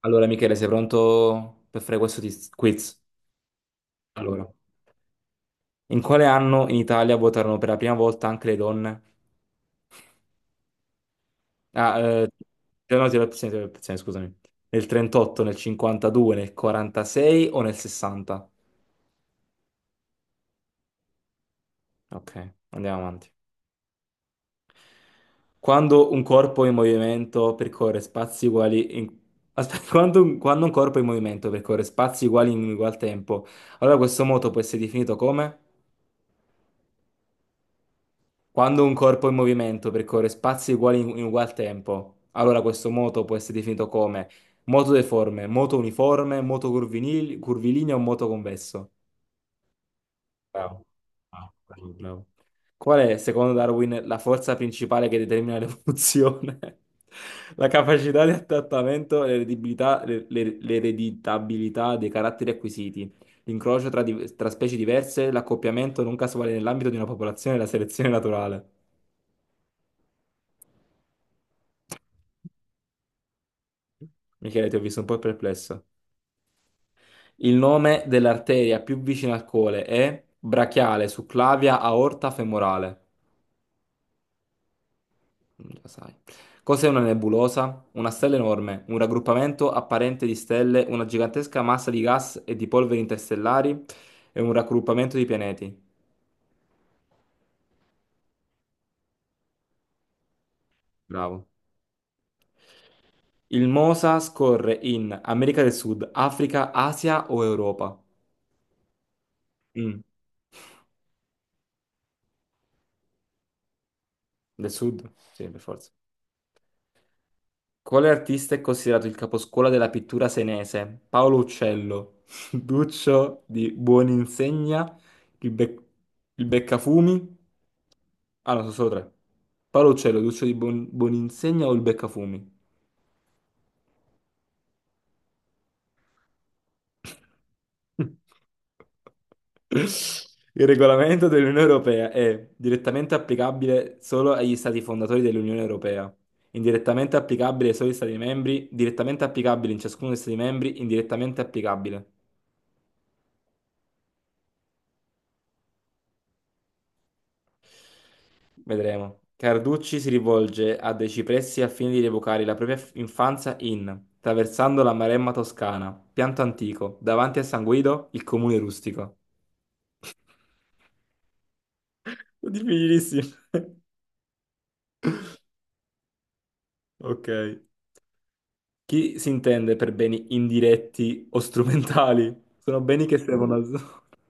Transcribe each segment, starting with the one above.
Allora, Michele, sei pronto per fare questo quiz? Allora, in quale anno in Italia votarono per la prima volta anche le donne? Ah, no, ti do le opzioni, ti do le opzioni, scusami. Nel 38, nel 52, nel 46 o nel 60? Ok, andiamo avanti. Quando un corpo in movimento percorre spazi uguali in... Aspetta, quando un corpo in movimento percorre spazi uguali in ugual tempo, allora questo moto può essere definito come? Quando un corpo in movimento percorre spazi uguali in ugual tempo, allora questo moto può essere definito come moto deforme, moto uniforme, moto curvilineo o moto convesso. Bravo. Bravo, bravo, bravo. Qual è, secondo Darwin, la forza principale che determina l'evoluzione? La capacità di adattamento, e l'ereditabilità dei caratteri acquisiti, l'incrocio tra specie diverse, l'accoppiamento non casuale nell'ambito di una popolazione e la selezione naturale. Michele, ti ho visto un po' perplesso. Il nome dell'arteria più vicina al cole è brachiale, succlavia, aorta femorale. Mm, già sai. Cos'è una nebulosa? Una stella enorme, un raggruppamento apparente di stelle, una gigantesca massa di gas e di polveri interstellari e un raggruppamento di pianeti. Bravo. Il MOSA scorre in America del Sud, Africa, Asia o Europa? Mm, Del Sud? Sì, per forza. Quale artista è considerato il caposcuola della pittura senese? Paolo Uccello, Duccio di Buoninsegna, il, Bec- il Beccafumi. Ah, no, sono solo tre. Paolo Uccello, Duccio di Buoninsegna o il Beccafumi? Il regolamento dell'Unione Europea è direttamente applicabile solo agli stati fondatori dell'Unione Europea, indirettamente applicabile solo agli stati membri, direttamente applicabile in ciascuno degli stati membri, indirettamente applicabile. Vedremo. Carducci si rivolge a dei cipressi al fine di evocare la propria infanzia in Traversando la Maremma Toscana, pianto antico, davanti a San Guido, il comune rustico. Difficilissimo. Ok. Chi si intende per beni indiretti o strumentali? Sono beni che servono al...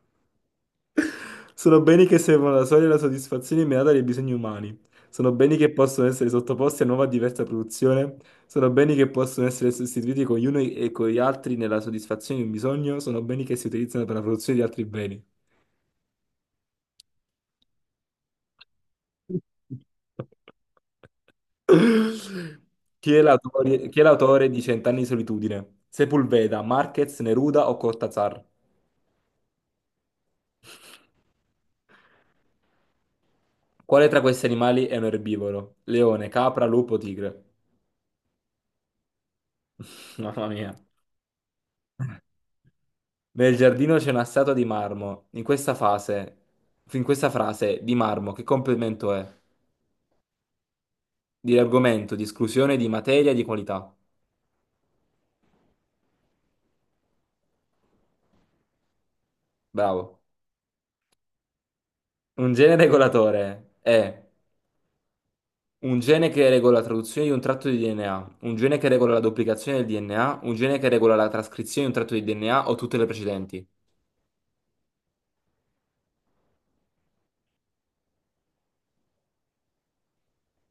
Sono beni che servono alla sola e alla soddisfazione immediata dei bisogni umani. Sono beni che possono essere sottoposti a nuova e diversa produzione. Sono beni che possono essere sostituiti con gli uni e con gli altri nella soddisfazione di un bisogno. Sono beni che si utilizzano per la produzione di altri beni. Chi è l'autore di Cent'anni di solitudine? Sepulveda, Marquez, Neruda o Cortázar? Quale tra questi animali è un erbivoro? Leone, capra, lupo, tigre. Mamma mia. Nel giardino c'è una statua di marmo. In questa frase, di marmo, che complemento è? Di argomento, di esclusione, di materia, di qualità. Bravo. Un gene regolatore è un gene che regola la traduzione di un tratto di DNA, un gene che regola la duplicazione del DNA, un gene che regola la trascrizione di un tratto di DNA o tutte le precedenti.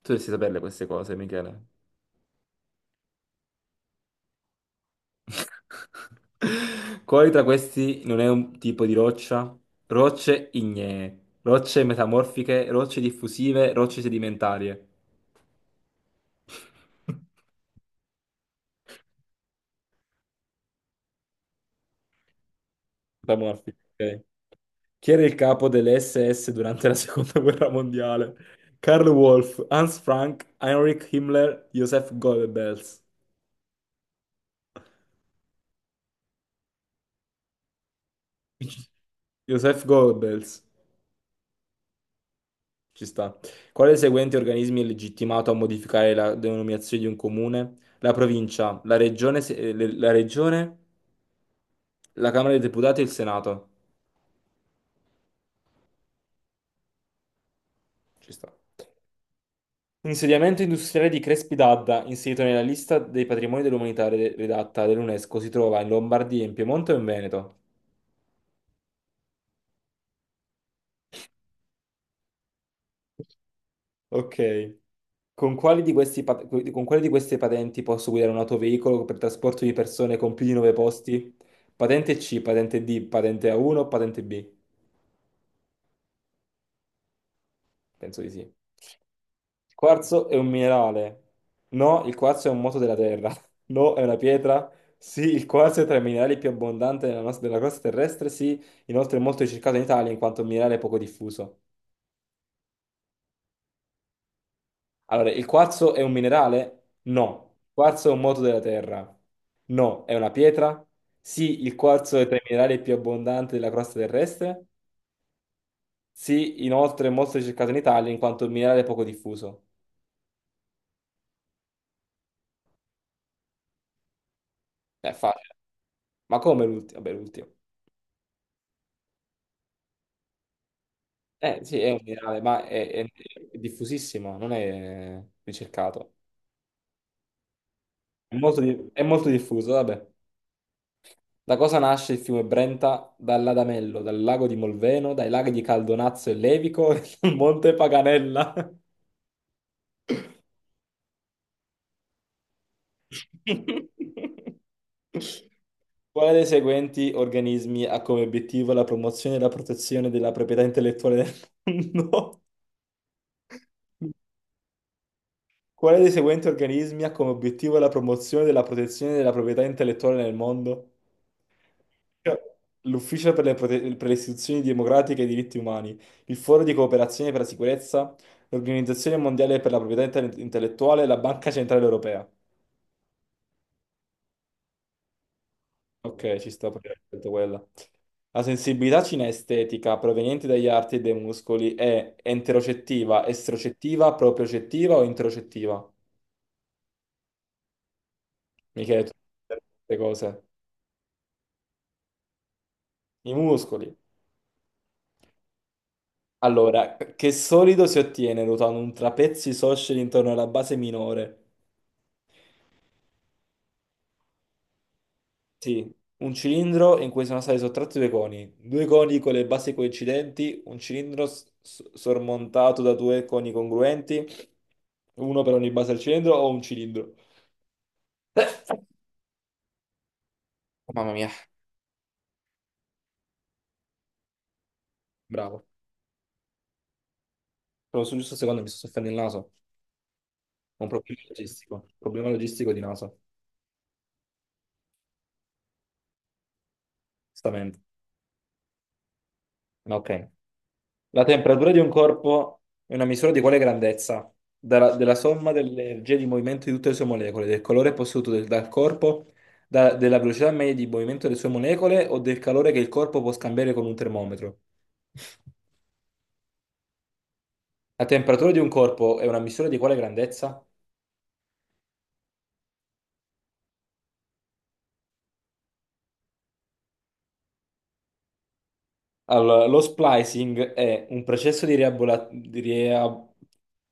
Tu dovresti saperle queste cose, Michele. Quali tra questi non è un tipo di roccia? Rocce ignee, rocce metamorfiche, rocce diffusive, rocce sedimentarie. Metamorfiche, ok. Chi era il capo delle SS durante la seconda guerra mondiale? Karl Wolff, Hans Frank, Heinrich Himmler, Joseph Goebbels. Joseph Goebbels. Ci sta. Quale dei seguenti organismi è legittimato a modificare la denominazione di un comune? La provincia, la regione, se- le- la regione, la Camera dei Deputati e il Senato. Ci sta. Insediamento industriale di Crespi d'Adda, inserito nella lista dei patrimoni dell'umanità redatta dall'UNESCO, si trova in Lombardia, in Piemonte o in Veneto? Ok. Con quali di queste patenti posso guidare un autoveicolo per trasporto di persone con più di 9 posti? Patente C, patente D, patente A1 o patente B? Penso di sì. Il quarzo è un minerale. No, il quarzo è un moto della Terra. No, è una pietra. Sì, il quarzo è tra i minerali più abbondanti della crosta terrestre. Sì, inoltre è molto ricercato in Italia in quanto un minerale poco diffuso. Allora, il quarzo è un minerale? No. Il quarzo è un moto della Terra. No, è una pietra? Sì, il quarzo è tra i minerali più abbondanti della crosta terrestre. Sì, inoltre è molto ricercato in Italia in quanto un minerale poco diffuso. È facile. Ma come l'ultimo? Vabbè, l'ultimo. Eh sì, è un minerale, ma è diffusissimo, non è ricercato. È molto diffuso, vabbè. Da cosa nasce il fiume Brenta? Dall'Adamello, dal lago di Molveno, dai laghi di Caldonazzo e Levico, e dal Monte Paganella. Quale dei seguenti organismi ha come obiettivo la promozione e la protezione della proprietà intellettuale del mondo? Quale dei seguenti organismi ha come obiettivo la promozione della protezione della proprietà intellettuale nel mondo? L'Ufficio per le istituzioni democratiche e i diritti umani, il Foro di cooperazione per la sicurezza, l'Organizzazione mondiale per la proprietà intellettuale e la Banca centrale europea. Ok, ci sta pure detto quella. La sensibilità cinestetica proveniente dagli arti e dai muscoli è enterocettiva, estrocettiva, propriocettiva o interocettiva? Michele, tu queste cose. I muscoli. Allora, che solido si ottiene ruotando un trapezio isoscele intorno alla base minore? Sì, un cilindro in cui sono stati sottratti due coni con le basi coincidenti, un cilindro sormontato da due coni congruenti, uno per ogni base del cilindro o un cilindro. Oh, Mamma mia, bravo. Proprio sul giusto secondo mi sto soffiando il naso. Ho un problema logistico di naso. Stamente. Ok. La temperatura di un corpo è una misura di quale grandezza? Della somma delle energie di movimento di tutte le sue molecole, del calore posseduto dal corpo, della velocità media di movimento delle sue molecole o del calore che il corpo può scambiare con un termometro? La temperatura di un corpo è una misura di quale grandezza? Allora, lo splicing è un processo di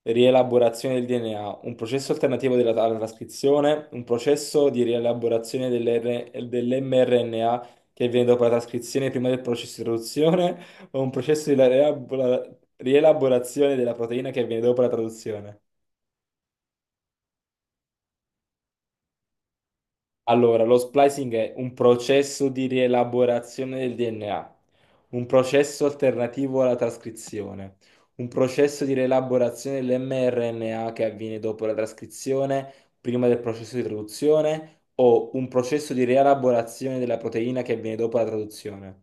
rielaborazione del DNA, un processo alternativo della alla trascrizione, un processo di rielaborazione dell'mRNA che avviene dopo la trascrizione prima del processo di traduzione, o un processo di rielaborazione della proteina che avviene dopo la traduzione. Allora, lo splicing è un processo di rielaborazione del DNA, un processo alternativo alla trascrizione, un processo di rielaborazione dell'mRNA che avviene dopo la trascrizione, prima del processo di traduzione, o un processo di rielaborazione della proteina che avviene dopo la traduzione.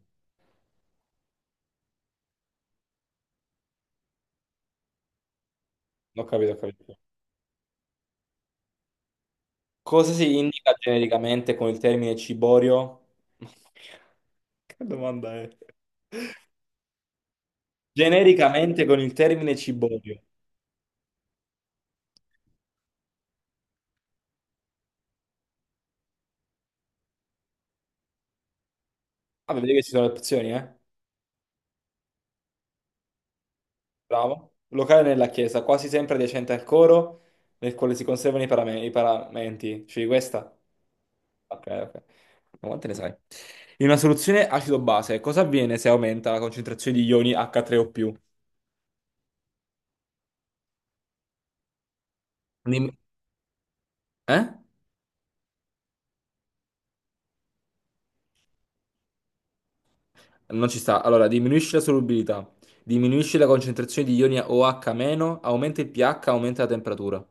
Ho capito, ho capito. Cosa si indica genericamente con il termine ciborio? Che domanda è? Genericamente con il termine ciborio. Ah, vedete che ci sono le opzioni, eh? Bravo. Locale nella chiesa, quasi sempre adiacente al coro, nel quale si conservano i paramenti. Cioè, questa? Ok, ok. Ma quante ne sai? In una soluzione acido-base, cosa avviene se aumenta la concentrazione di ioni H3O+. Dim- eh? Non ci sta. Allora, diminuisce la solubilità, diminuisce la concentrazione di ioni OH-, aumenta il pH, aumenta la temperatura.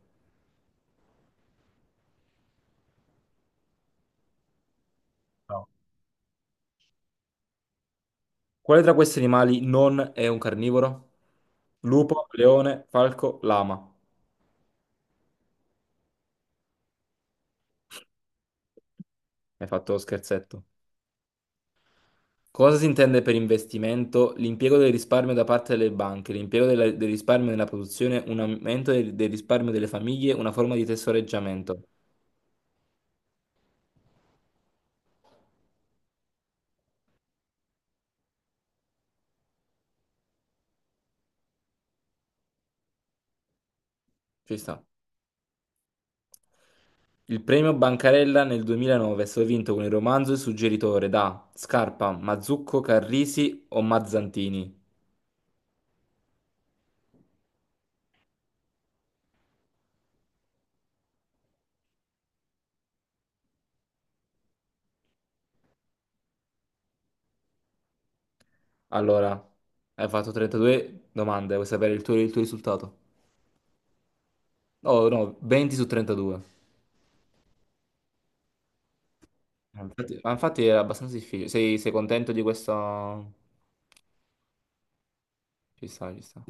No. Quale tra questi animali non è un carnivoro? Lupo, leone, falco, lama. Hai fatto lo scherzetto. Cosa si intende per investimento? L'impiego del risparmio da parte delle banche, l'impiego del risparmio nella produzione, un aumento del risparmio delle famiglie, una forma di tesoreggiamento. Ci sta. Il premio Bancarella nel 2009 è stato vinto con il romanzo Il suggeritore da Scarpa, Mazzucco, Carrisi o Mazzantini. Allora, hai fatto 32 domande, vuoi sapere il tuo risultato? No, no, 20 su 32. Ma infatti era abbastanza difficile. Sei contento di questo? Ci sta, ci sta.